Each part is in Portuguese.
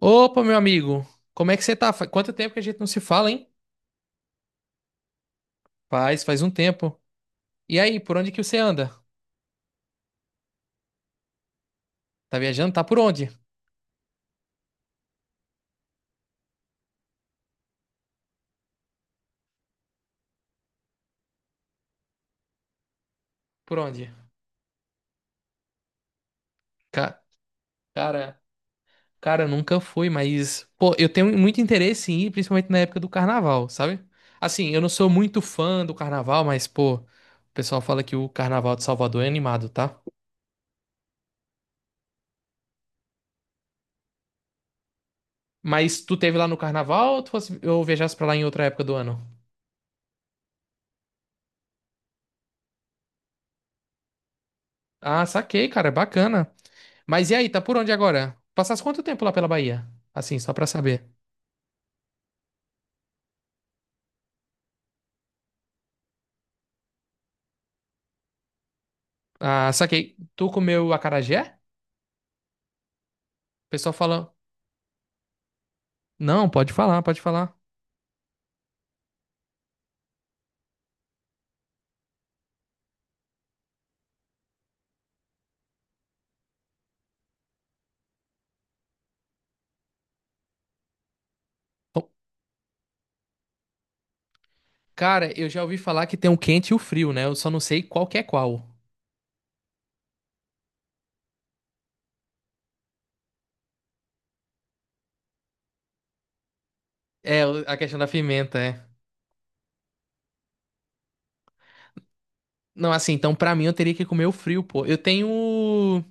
Opa, meu amigo, como é que você tá? Quanto tempo que a gente não se fala, hein? Faz um tempo. E aí, por onde que você anda? Tá viajando? Tá por onde? Por onde? Ca- cara, cara, eu nunca fui, mas, pô, eu tenho muito interesse em ir, principalmente na época do carnaval, sabe? Assim, eu não sou muito fã do carnaval, mas, pô, o pessoal fala que o carnaval de Salvador é animado, tá? Mas tu teve lá no carnaval ou tu fosse, eu viajasse pra lá em outra época do ano? Ah, saquei, cara, bacana. Mas e aí, tá por onde agora? Passaste quanto tempo lá pela Bahia? Assim, só pra saber. Ah, saquei. Tu comeu acarajé? O pessoal fala. Não, pode falar, pode falar. Bom, cara, eu já ouvi falar que tem o quente e o frio, né? Eu só não sei qual que é qual. É, a questão da pimenta, é. Não, assim, então pra mim eu teria que comer o frio, pô. Eu tenho.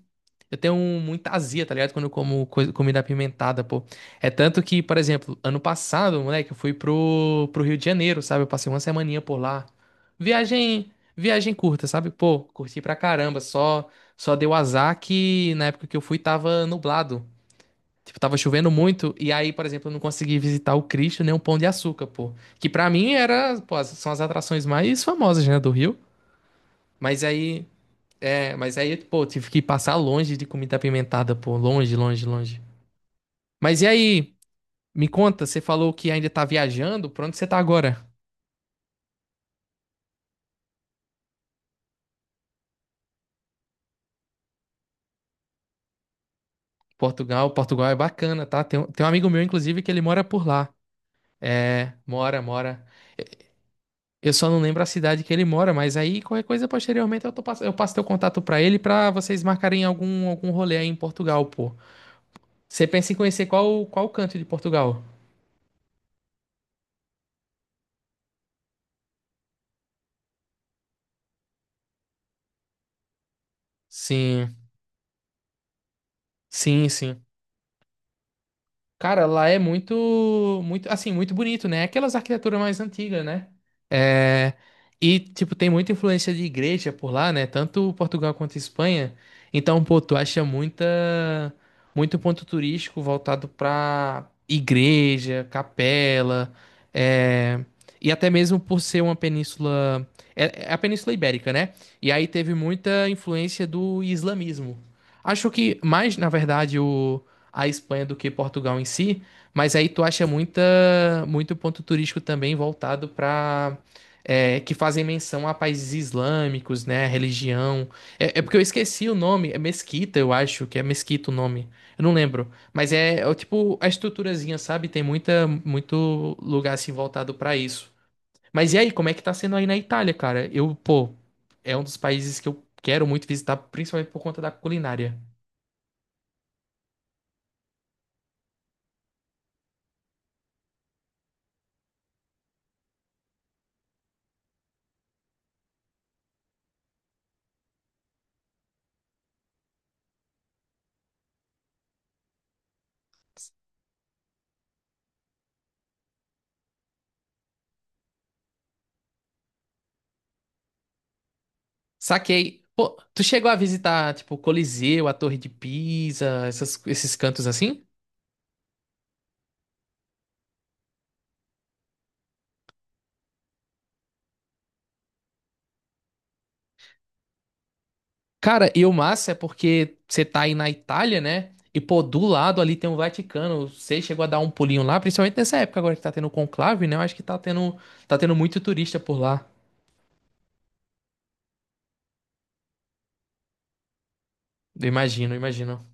Eu tenho muita azia, tá ligado? Quando eu como comida apimentada, pô. É tanto que, por exemplo, ano passado, moleque, eu fui pro Rio de Janeiro, sabe? Eu passei uma semaninha por lá. Viagem curta, sabe? Pô, curti pra caramba. Só deu azar que na época que eu fui tava nublado. Tipo, tava chovendo muito. E aí, por exemplo, eu não consegui visitar o Cristo nem o Pão de Açúcar, pô. Que pra mim era, pô, são as atrações mais famosas, né, do Rio. Mas aí. É, mas aí, pô, tive que passar longe de comida apimentada, pô. Longe, longe, longe. Mas e aí? Me conta, você falou que ainda tá viajando. Pra onde você tá agora? Portugal. Portugal é bacana, tá? Tem, tem um amigo meu, inclusive, que ele mora por lá. É, mora, mora. Eu só não lembro a cidade que ele mora, mas aí qualquer coisa posteriormente eu, tô, eu passo teu contato pra ele pra vocês marcarem algum, algum rolê aí em Portugal, pô. Você pensa em conhecer qual, qual canto de Portugal? Sim, sim, sim. Cara, lá é muito, muito, assim, muito bonito, né? É aquelas arquiteturas mais antigas, né? É, e, tipo, tem muita influência de igreja por lá, né? Tanto Portugal quanto Espanha. Então, pô, tu acha muita, muito ponto turístico voltado pra igreja, capela, é, e até mesmo por ser uma península, é, é a Península Ibérica, né? E aí teve muita influência do islamismo. Acho que mais, na verdade, o a Espanha do que Portugal em si, mas aí tu acha muita, muito ponto turístico também voltado para que fazem menção a países islâmicos, né, religião. É, é porque eu esqueci o nome, é Mesquita, eu acho que é Mesquita o nome. Eu não lembro, mas é, é o tipo a estruturazinha, sabe? Tem muita muito lugar assim voltado para isso. Mas e aí, como é que tá sendo aí na Itália, cara? Eu, pô, é um dos países que eu quero muito visitar, principalmente por conta da culinária. Saquei. Pô, tu chegou a visitar, tipo, o Coliseu, a Torre de Pisa, esses cantos assim? Cara, e o massa é porque você tá aí na Itália, né? E, pô, do lado ali tem o Vaticano. Você chegou a dar um pulinho lá, principalmente nessa época agora que tá tendo o conclave, né? Eu acho que tá tendo muito turista por lá. Eu imagino, eu imagino.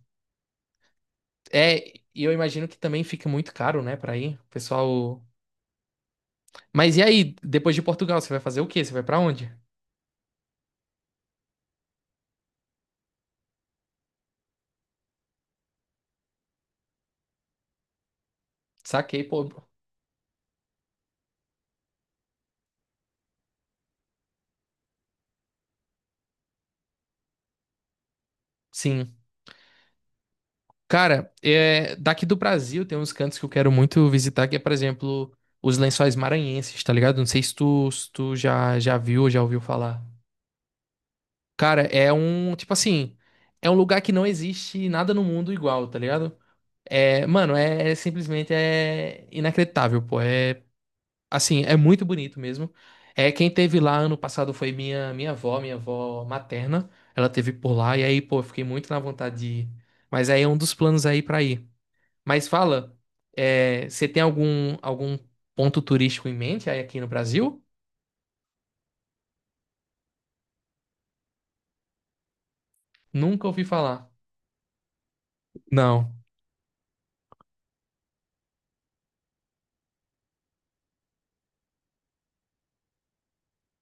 É, e eu imagino que também fica muito caro, né, pra ir. O pessoal. Mas e aí, depois de Portugal, você vai fazer o quê? Você vai pra onde? Saquei, pô. Sim. Cara, é, daqui do Brasil tem uns cantos que eu quero muito visitar, que é, por exemplo, os Lençóis Maranhenses, tá ligado? Não sei se tu, se tu já, já viu ou já ouviu falar. Cara, é um, tipo assim, é um lugar que não existe nada no mundo igual, tá ligado? É, mano, é, é simplesmente é inacreditável, pô. É, assim, é muito bonito mesmo. É, quem teve lá ano passado foi minha, minha avó materna. Ela teve por lá, e aí, pô, eu fiquei muito na vontade de ir. Mas aí é um dos planos aí pra ir. Mas fala, é, você tem algum, algum ponto turístico em mente aí aqui no Brasil? Nunca ouvi falar. Não.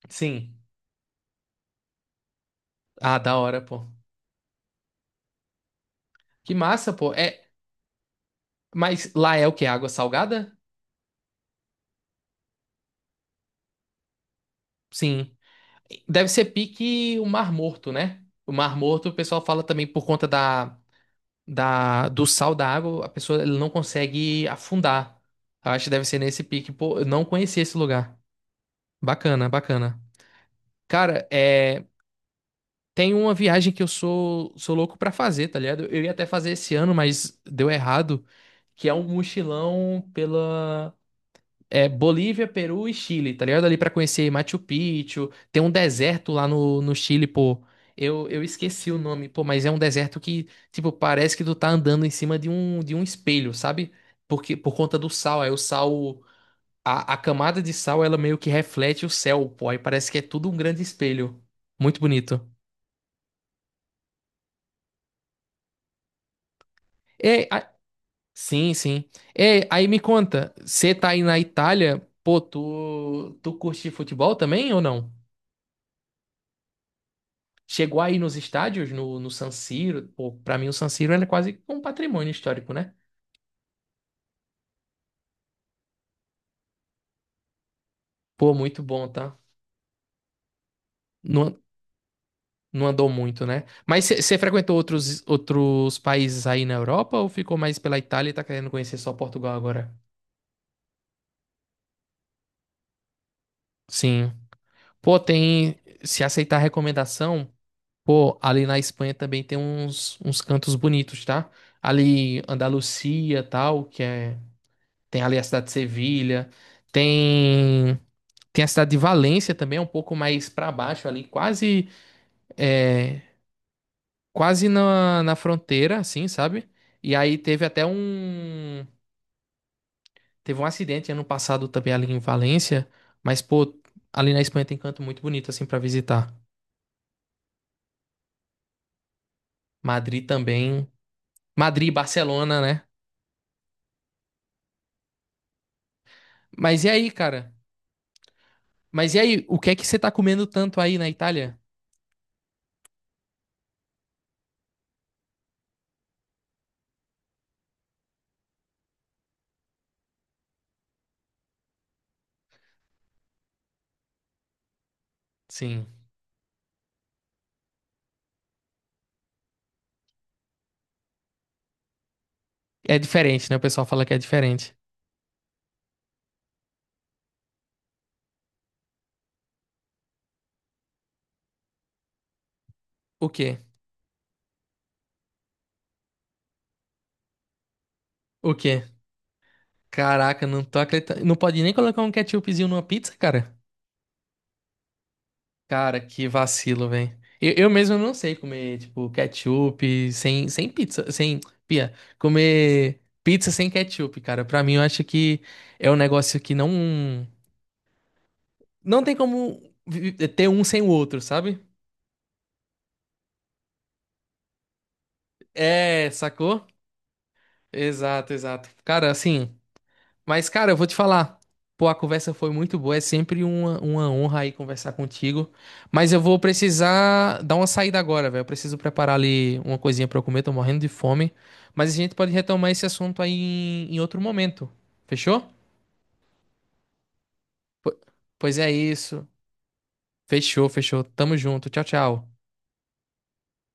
Sim. Ah, da hora, pô. Que massa, pô. É, mas lá é o quê? Água salgada? Sim. Deve ser pique o Mar Morto, né? O Mar Morto, o pessoal fala também por conta da, da, do sal da água, a pessoa ela não consegue afundar. Eu acho que deve ser nesse pique. Pô, eu não conhecia esse lugar. Bacana, bacana. Cara, é. Tem uma viagem que eu sou, sou louco pra fazer, tá ligado? Eu ia até fazer esse ano, mas deu errado, que é um mochilão pela é, Bolívia, Peru e Chile, tá ligado? Ali pra conhecer Machu Picchu, tem um deserto lá no Chile, pô. Eu esqueci o nome, pô, mas é um deserto que, tipo, parece que tu tá andando em cima de um espelho, sabe? Porque, por conta do sal, aí o sal, a camada de sal, ela meio que reflete o céu, pô, aí parece que é tudo um grande espelho. Muito bonito. É, sim, sim. É, aí me conta, você tá aí na Itália, pô, tu, tu curte futebol também ou não? Chegou aí nos estádios, no San Siro, pô, pra mim o San Siro era quase um patrimônio histórico, né? Pô, muito bom, tá? Não, não andou muito, né? Mas você frequentou outros, outros países aí na Europa ou ficou mais pela Itália e tá querendo conhecer só Portugal agora? Sim. Pô, tem, se aceitar a recomendação. Pô, ali na Espanha também tem uns, uns cantos bonitos, tá? Ali Andalucia, tal, que é tem ali a cidade de Sevilha, tem tem a cidade de Valência também, é um pouco mais pra baixo ali, quase é, quase na, na fronteira, assim, sabe? E aí teve até um teve um acidente ano passado também ali em Valência, mas pô, ali na Espanha tem canto muito bonito assim pra visitar. Madrid também, Madrid, Barcelona, né? Mas e aí, cara? Mas e aí, o que é que você tá comendo tanto aí na Itália? Sim. É diferente, né? O pessoal fala que é diferente. O quê? O quê? Caraca, não tô acreditando. Não pode nem colocar um ketchupzinho numa pizza, cara? Cara, que vacilo, velho. Eu mesmo não sei comer, tipo, ketchup sem, sem pizza, sem... Pia, comer pizza sem ketchup, cara. Pra mim, eu acho que é um negócio que não... Não tem como ter um sem o outro, sabe? É, sacou? Exato, exato. Cara, assim... Mas, cara, eu vou te falar. Pô, a conversa foi muito boa. É sempre uma honra aí conversar contigo. Mas eu vou precisar dar uma saída agora, velho. Eu preciso preparar ali uma coisinha pra eu comer. Tô morrendo de fome. Mas a gente pode retomar esse assunto aí em, em outro momento. Fechou? Po- Pois é isso. Fechou, fechou. Tamo junto. Tchau, tchau.